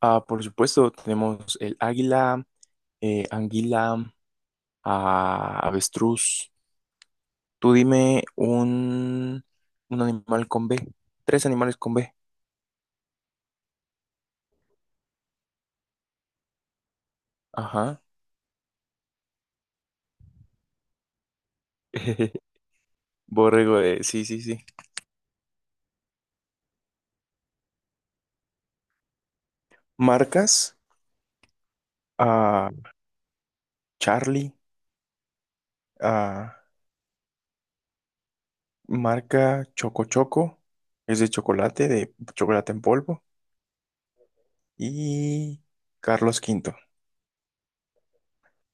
Ah, por supuesto, tenemos el águila, anguila, avestruz. Tú dime un animal con B. Tres animales con B. Ajá. Borrego de... Sí, sí, sí. Marcas. ah, Charlie. ah, Marca Choco Choco. Es de chocolate en polvo. Y Carlos V.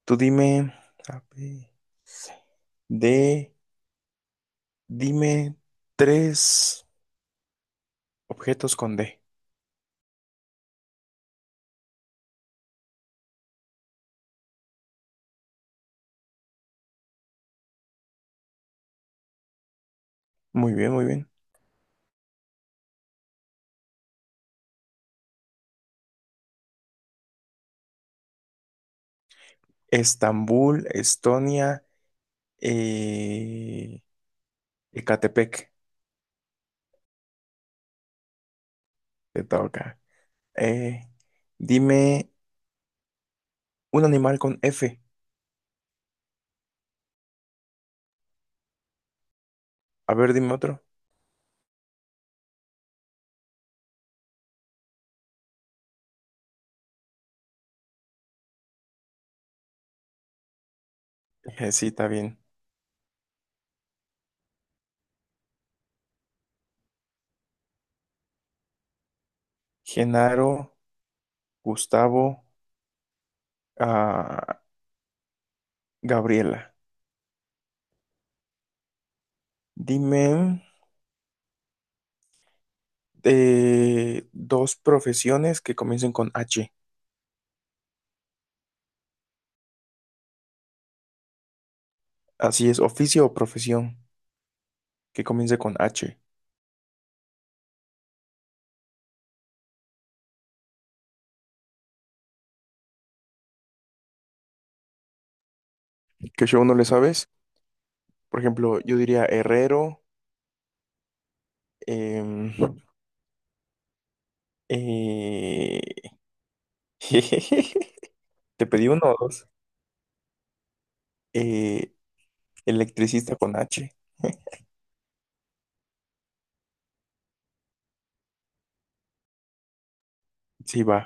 Tú dime... A, B, C, D. Dime tres. Objetos con D. Muy bien, muy bien. Estambul, Estonia, eh, Ecatepec, te toca. Eh, Dime un animal con F. A ver, dime otro. Sí, está bien. Genaro, Gustavo, ah, Gabriela. Dime dos profesiones que comiencen con H. Así es, oficio o profesión que comience con H. Que yo no le sabes. Por ejemplo, yo diría herrero. Em, eh, Te pedí uno o dos. Eh, Electricista con H. Sí, va.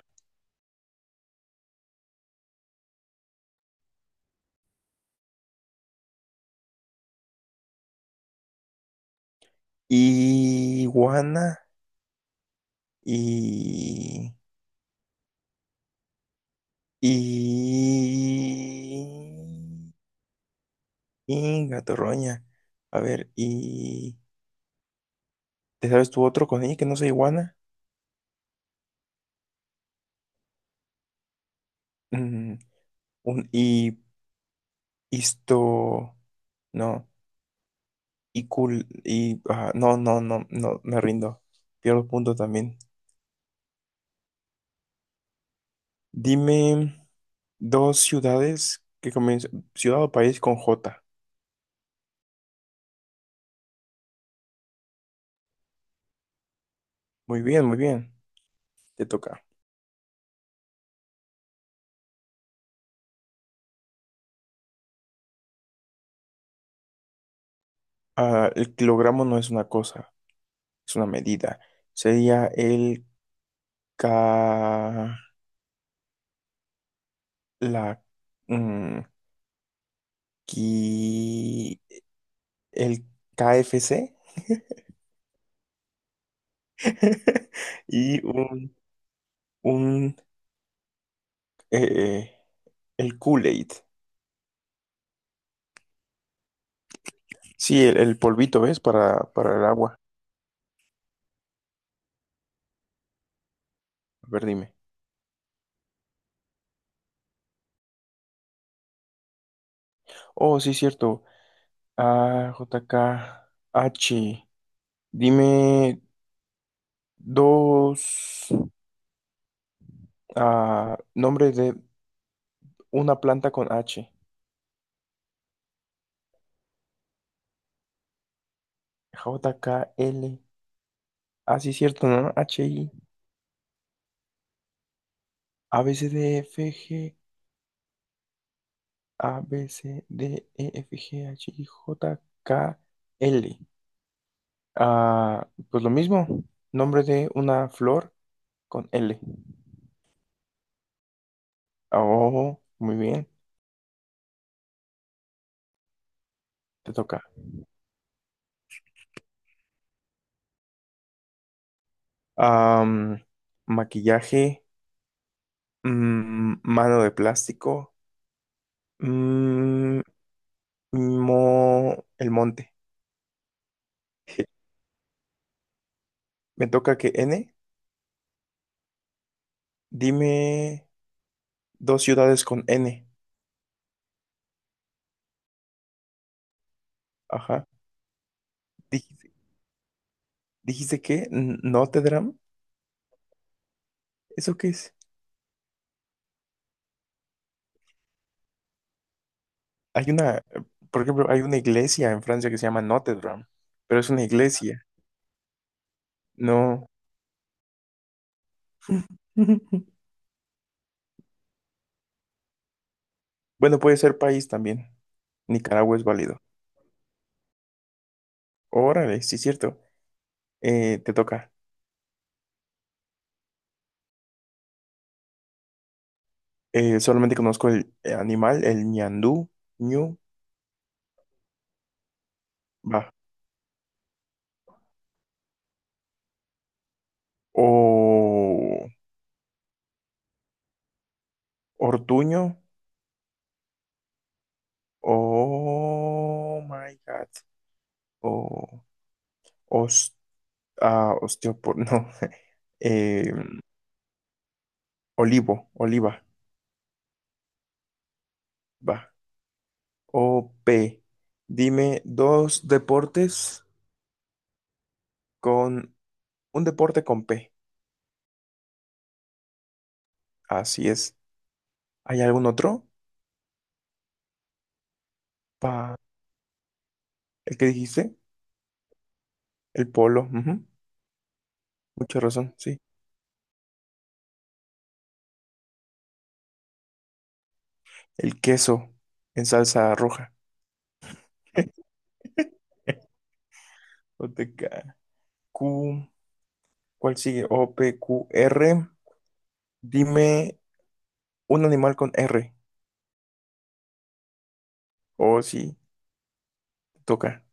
Iguana y... Y... Y gatorroña. A ver, y... ¿Te sabes tú otro con I que no sea iguana? Mm, un y... Isto... No. Y cool... Y... ah, no, no, no, no, me rindo. Pierdo punto también. Dime dos ciudades que comienzan, ciudad o país con J. Muy bien, muy bien. Te toca. Ah, el kilogramo no es una cosa, es una medida. Sería el K, la, mm, qui- el KFC y un eh, el Kool-Aid. Sí, el polvito, ¿ves? Para el agua. A ver, dime. Oh, sí, cierto. A, J, K, H. Dime dos nombres de una planta con H. J, K, L. Ah, sí, cierto, ¿no? H, I. A, B, C, D, E, F, G. A, B, C, D, E, F, G, H, I, J, K, L. Ah, pues lo mismo. Nombre de una flor con L. Oh, muy bien. Te toca. Am, Maquillaje. Mano de plástico. mm, Mo, el monte. Me toca que N. Dime dos ciudades con N. Ajá. Dijiste, dijiste que N- Notre Dame. ¿Eso qué es? Hay una, por ejemplo, hay una iglesia en Francia que se llama Notre Dame, pero es una iglesia. No. Bueno, puede ser país también. Nicaragua es válido. Órale, sí, cierto. Te toca. Solamente conozco el animal, el ñandú, ñu, va. O, Ortuño. Oh my God. O os, ah, osteopor, no. Eh, Olivo, oliva, va. O-P. Dime dos deportes con un deporte con P. Así es. ¿Hay algún otro? Pa, ¿el que dijiste? El polo. Ujú. Mucha razón, sí. El queso en salsa roja. OTK. Q, ¿cuál sigue? O, P, Q, R. Dime un animal con R. O sí, te toca.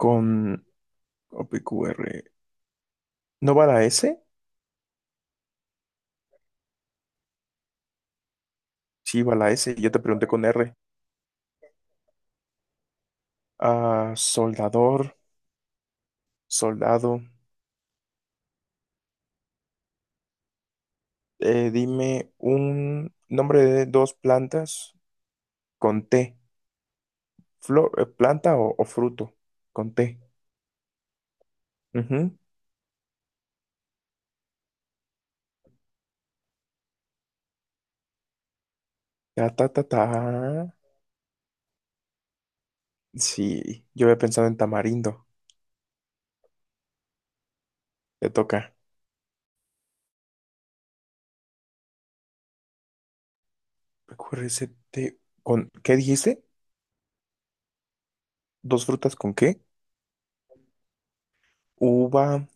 Con O, P, Q, R, ¿no va la S? Sí, va la S. Yo te pregunté con R. Ah, soldador, soldado. Dime un nombre de dos plantas con T. Flor, planta o fruto con T. Ujú. Ta, ta, ta, ta. Sí, yo había pensado en tamarindo. Te toca. Recuérdese, te- ¿con qué dijiste? ¿Dos frutas con qué? Uva.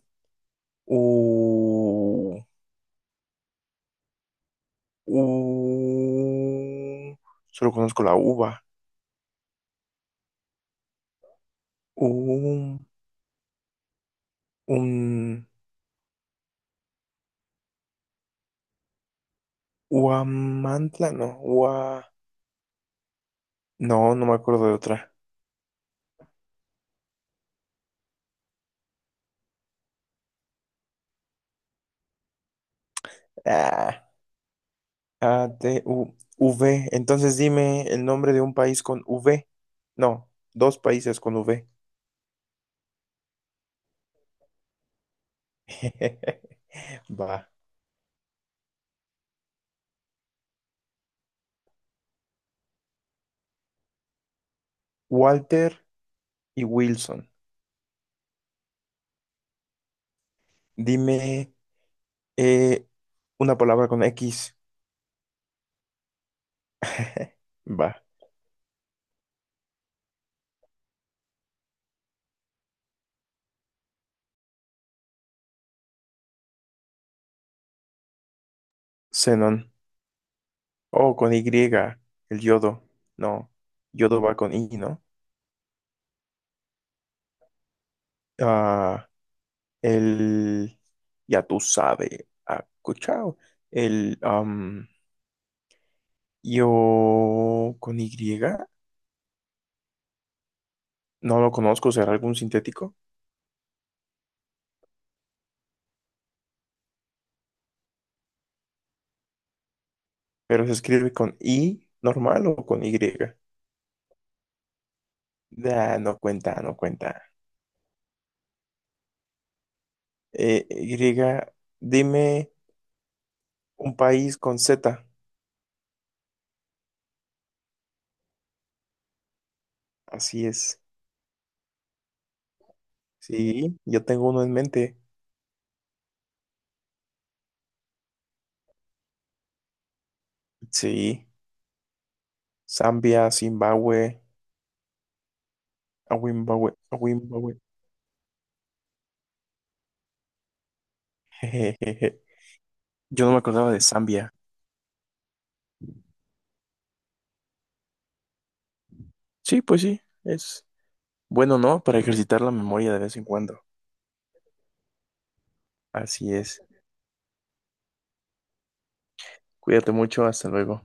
U, u, solo conozco la uva. U, un, uamantla, no, ua, no, no me acuerdo de otra. Ah, A, T, U, V. Entonces dime el nombre de un país con V. No, dos países con V. Va. Walter y Wilson. Dime eh, una palabra con X. Va. Xenón. Oh, con Y, el yodo. No, yodo va con I, ¿no? Ah, el, ya tú sabes, ah, escuchado. El, yo con Y, no lo conozco, será algún sintético, pero se escribe con I normal o con Y. Ah, no cuenta, no cuenta. Y, dime un país con Z. Así es. Sí, yo tengo uno en mente. Sí, Zambia, Zimbabue. A Wimbawe, a Wimbawe. Jejejeje. Yo no me acordaba de Zambia. Sí, pues sí, es bueno, ¿no? Para ejercitar la memoria de vez en cuando. Así es. Cuídate mucho, hasta luego.